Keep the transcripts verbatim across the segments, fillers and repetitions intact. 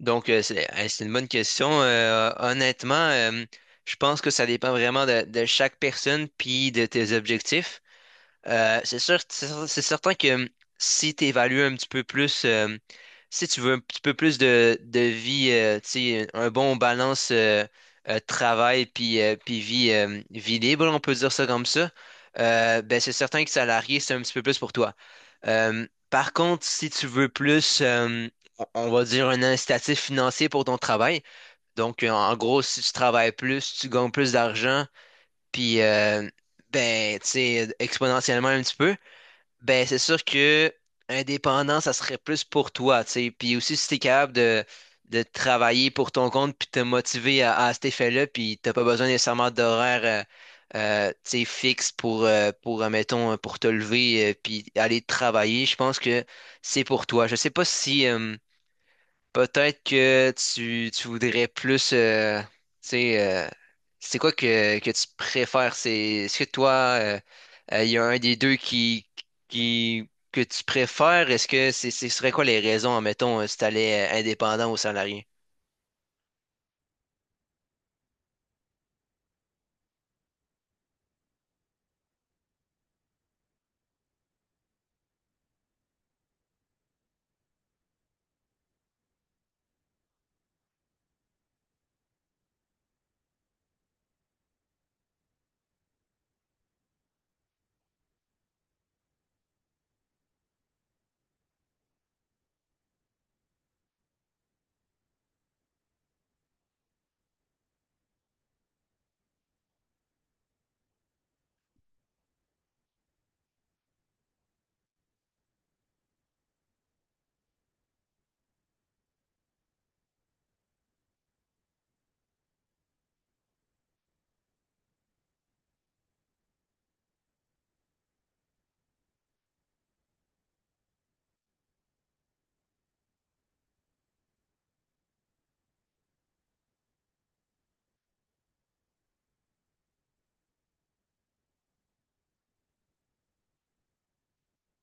Donc, euh, c'est euh, c'est une bonne question. Euh, honnêtement, euh, je pense que ça dépend vraiment de, de chaque personne puis de tes objectifs. Euh, c'est sûr, c'est cer- c'est certain que euh, si tu évalues un petit peu plus, euh, si tu veux un petit peu plus de, de vie, euh, tu sais, un bon balance euh, euh, travail puis, euh, puis vie, euh, vie libre, on peut dire ça comme ça, euh, ben c'est certain que salarié, c'est un petit peu plus pour toi. Euh, par contre, si tu veux plus, euh, on on va dire un incitatif financier pour ton travail. Donc, euh, en gros, si tu travailles plus, tu gagnes plus d'argent, puis euh, ben, tu sais, exponentiellement un petit peu. Ben, c'est sûr que indépendant, ça serait plus pour toi, tu sais. Puis aussi, si t'es capable de, de travailler pour ton compte puis te motiver à, à cet effet-là, puis t'as pas besoin nécessairement d'horaire, euh, euh, tu sais, fixe pour, euh, pour, euh, mettons, euh, pour te lever euh, puis aller travailler, je pense que c'est pour toi. Je sais pas si, euh, peut-être que tu, tu voudrais plus, euh, tu sais, euh, c'est quoi que, que tu préfères? C'est, est-ce que toi, euh, euh, il y a un des deux qui, qui, que tu préfères? Est-ce que c'est, ce serait quoi les raisons, admettons, euh, si t'allais euh, indépendant ou salarié?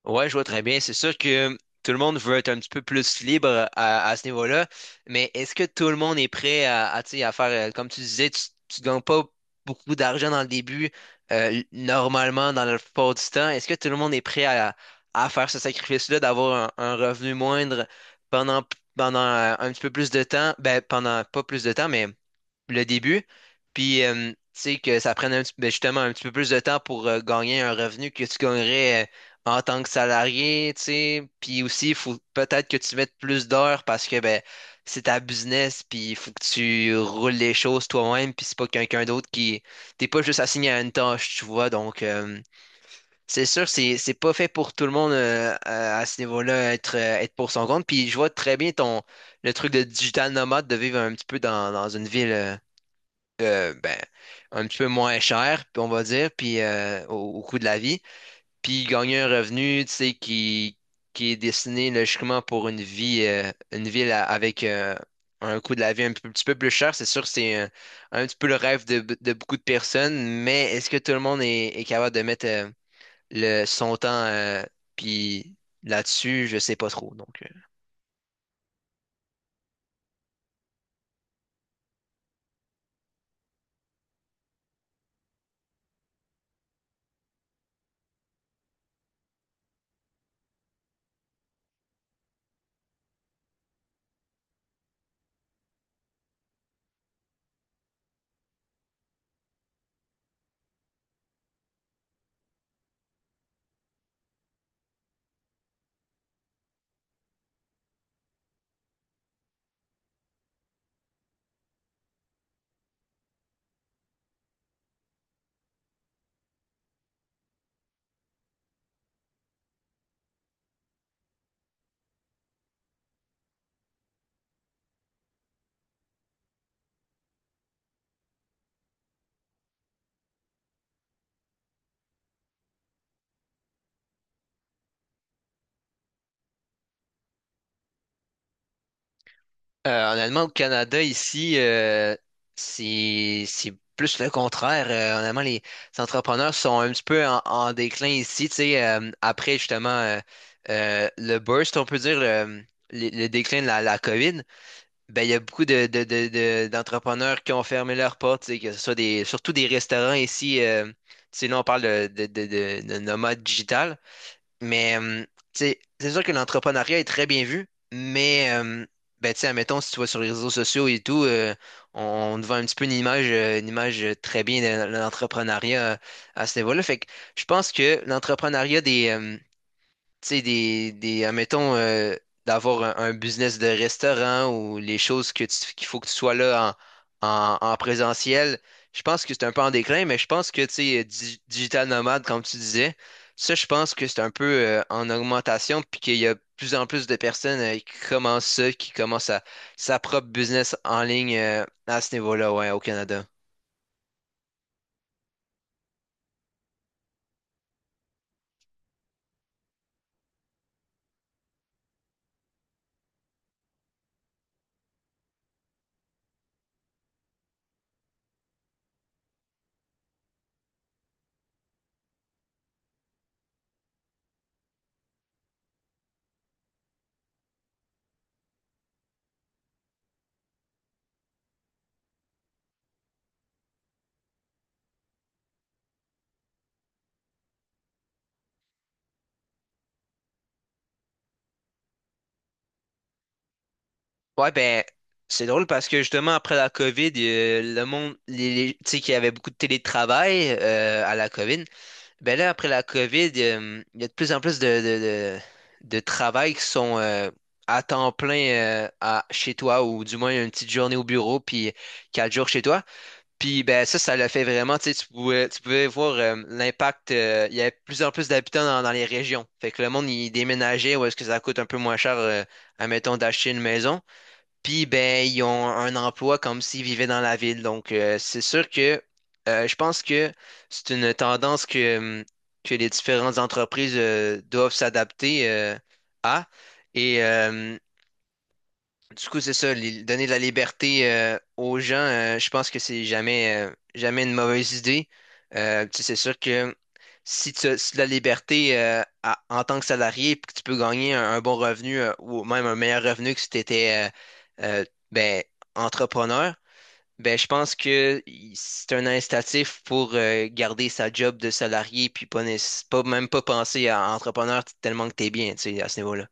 Ouais, je vois très bien. C'est sûr que tout le monde veut être un petit peu plus libre à, à ce niveau-là, mais est-ce que tout le monde est prêt à, à, tu sais, à faire, euh, comme tu disais, tu, tu gagnes pas beaucoup d'argent dans le début, euh, normalement, dans le plupart du temps. Est-ce que tout le monde est prêt à, à faire ce sacrifice-là, d'avoir un, un revenu moindre pendant, pendant euh, un petit peu plus de temps? Ben, pendant pas plus de temps, mais le début. Puis, euh, tu sais, que ça prenne un petit- ben, justement un petit peu plus de temps pour euh, gagner un revenu que tu gagnerais euh, en tant que salarié, tu sais. Puis aussi, il faut peut-être que tu mettes plus d'heures parce que ben, c'est ta business, puis il faut que tu roules les choses toi-même, puis c'est pas quelqu'un d'autre qui... T'es pas juste assigné à une tâche, tu vois. Donc, euh, c'est sûr, c'est c'est pas fait pour tout le monde euh, à, à ce niveau-là, être, euh, être pour son compte. Puis je vois très bien ton le truc de digital nomade, de vivre un petit peu dans, dans une ville. euh, euh, ben, un petit peu moins cher, puis on va dire, puis euh, au, au coût de la vie, puis gagner un revenu, tu sais, qui, qui est destiné logiquement pour une vie, euh, une ville à- avec euh, un coût de la vie un peu- petit peu plus cher. C'est sûr, c'est un, un petit peu le rêve de, de beaucoup de personnes, mais est-ce que tout le monde est, est capable de mettre euh, le, son temps euh, puis là-dessus, je sais pas trop, donc. Euh, honnêtement, au Canada, ici, euh, c'est c'est plus le contraire. Euh, honnêtement, les entrepreneurs sont un petit peu en, en déclin ici. Tu sais, euh, après justement euh, euh, le burst, on peut dire le, le- le déclin de la, la COVID, ben, il y a beaucoup de, de- de- de- d'entrepreneurs qui ont fermé leurs portes, tu sais, que ce soit des, surtout des restaurants ici. Euh, tu sais, là, on parle de, de, de, de, de nomades digitales. Mais euh, tu sais, c'est sûr que l'entrepreneuriat est très bien vu, mais euh, ben, tu sais, admettons, si tu vas sur les réseaux sociaux et tout, euh, on, on te vend un petit peu une image, euh, une image euh, très bien de, de l'entrepreneuriat euh, à ce niveau-là. Fait que je pense que l'entrepreneuriat des, euh, tu sais, des, des, admettons, euh, d'avoir un, un business de restaurant ou les choses que tu- qu'il faut que tu sois là en, en, en présentiel, je pense que c'est un peu en déclin, mais je pense que, tu sais, di- digital nomade, comme tu disais, ça, je pense que c'est un peu euh, en augmentation, puis qu'il y a de plus en plus de personnes euh, qui commencent ça, qui commencent à, sa propre business en ligne euh, à ce niveau-là, ouais, au Canada. Ouais, ben, c'est drôle parce que justement, après la COVID, euh, le monde, les, les- tu sais, qu'il y avait beaucoup de télétravail euh, à la COVID. Ben là, après la COVID, euh, il y a de plus en plus de, de, de, de travail qui sont euh, à temps plein euh, à, chez toi ou du moins une petite journée au bureau puis quatre jours chez toi. Puis ben ça, ça l'a fait vraiment, tu sais, tu pouvais, tu pouvais voir euh, l'impact. Euh, il y avait de plus en plus d'habitants dans, dans les régions. Fait que le monde, il déménageait où est-ce que ça coûte un peu moins cher, euh, admettons, d'acheter une maison. Puis ben, ils ont un emploi comme s'ils vivaient dans la ville. Donc euh, c'est sûr que euh, je pense que c'est une tendance que, hum, que les différentes entreprises euh, doivent s'adapter euh, à. Et, euh, du coup, c'est ça, li- donner de la liberté euh, aux gens, euh, je pense que c'est jamais, euh, jamais une mauvaise idée. Euh, tu sais, c'est sûr que si tu as, si tu as de la liberté euh, à- en tant que salarié, puis que tu peux gagner un, un bon revenu euh, ou même un meilleur revenu que si tu étais euh, euh, ben, entrepreneur, ben, je pense que i- c'est un incitatif pour euh, garder sa job de salarié, puis pas, nécess- pas même pas penser à entrepreneur tellement que tu es bien, tu sais, à ce niveau-là.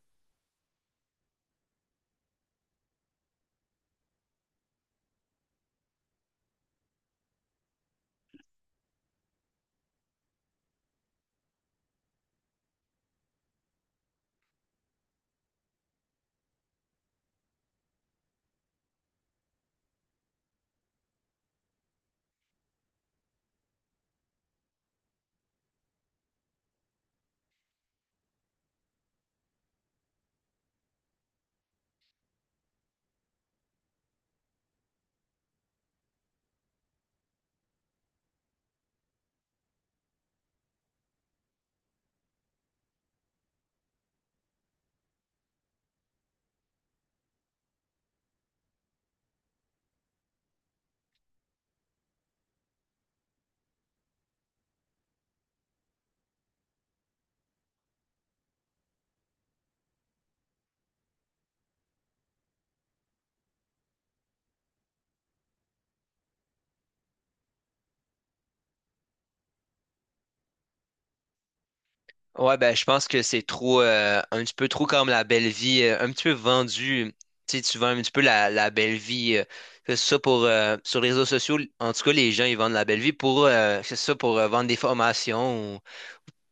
Ouais, ben, je pense que c'est trop, euh, un petit peu trop comme la belle vie, euh, un petit peu vendu. Tu sais, tu vends un petit peu la, la belle vie. Euh, que ce soit pour, euh, sur les réseaux sociaux, en tout cas, les gens, ils vendent la belle vie pour, euh, que ce soit pour euh, vendre des formations ou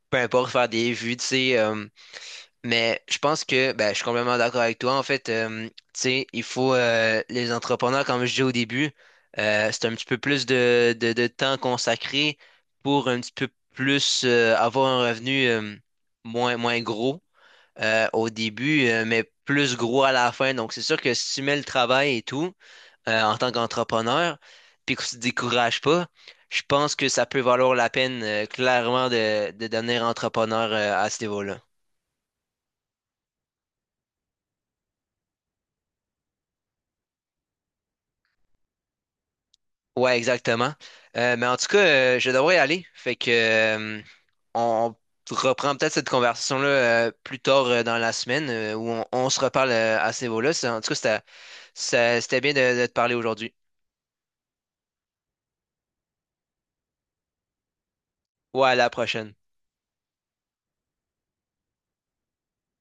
peu importe, faire des vues, tu sais. Euh, mais je pense que ben, je suis complètement d'accord avec toi. En fait, euh, tu sais, il faut euh, les entrepreneurs, comme je disais au début, euh, c'est un petit peu plus de, de, de temps consacré pour un petit peu plus euh, avoir un revenu euh, moins, moins gros euh, au début, euh, mais plus gros à la fin. Donc, c'est sûr que si tu mets le travail et tout euh, en tant qu'entrepreneur, puis que tu te décourages pas, je pense que ça peut valoir la peine euh, clairement de, de devenir entrepreneur euh, à ce niveau-là. Ouais, exactement. Euh, mais en tout cas, euh, je devrais y aller. Fait que euh, on reprend peut-être cette conversation-là euh, plus tard euh, dans la semaine euh, où on, on se reparle euh, à ce niveau-là. C'est- En tout cas, c'était ça- c'était bien de de te parler aujourd'hui. Ouais, à la prochaine.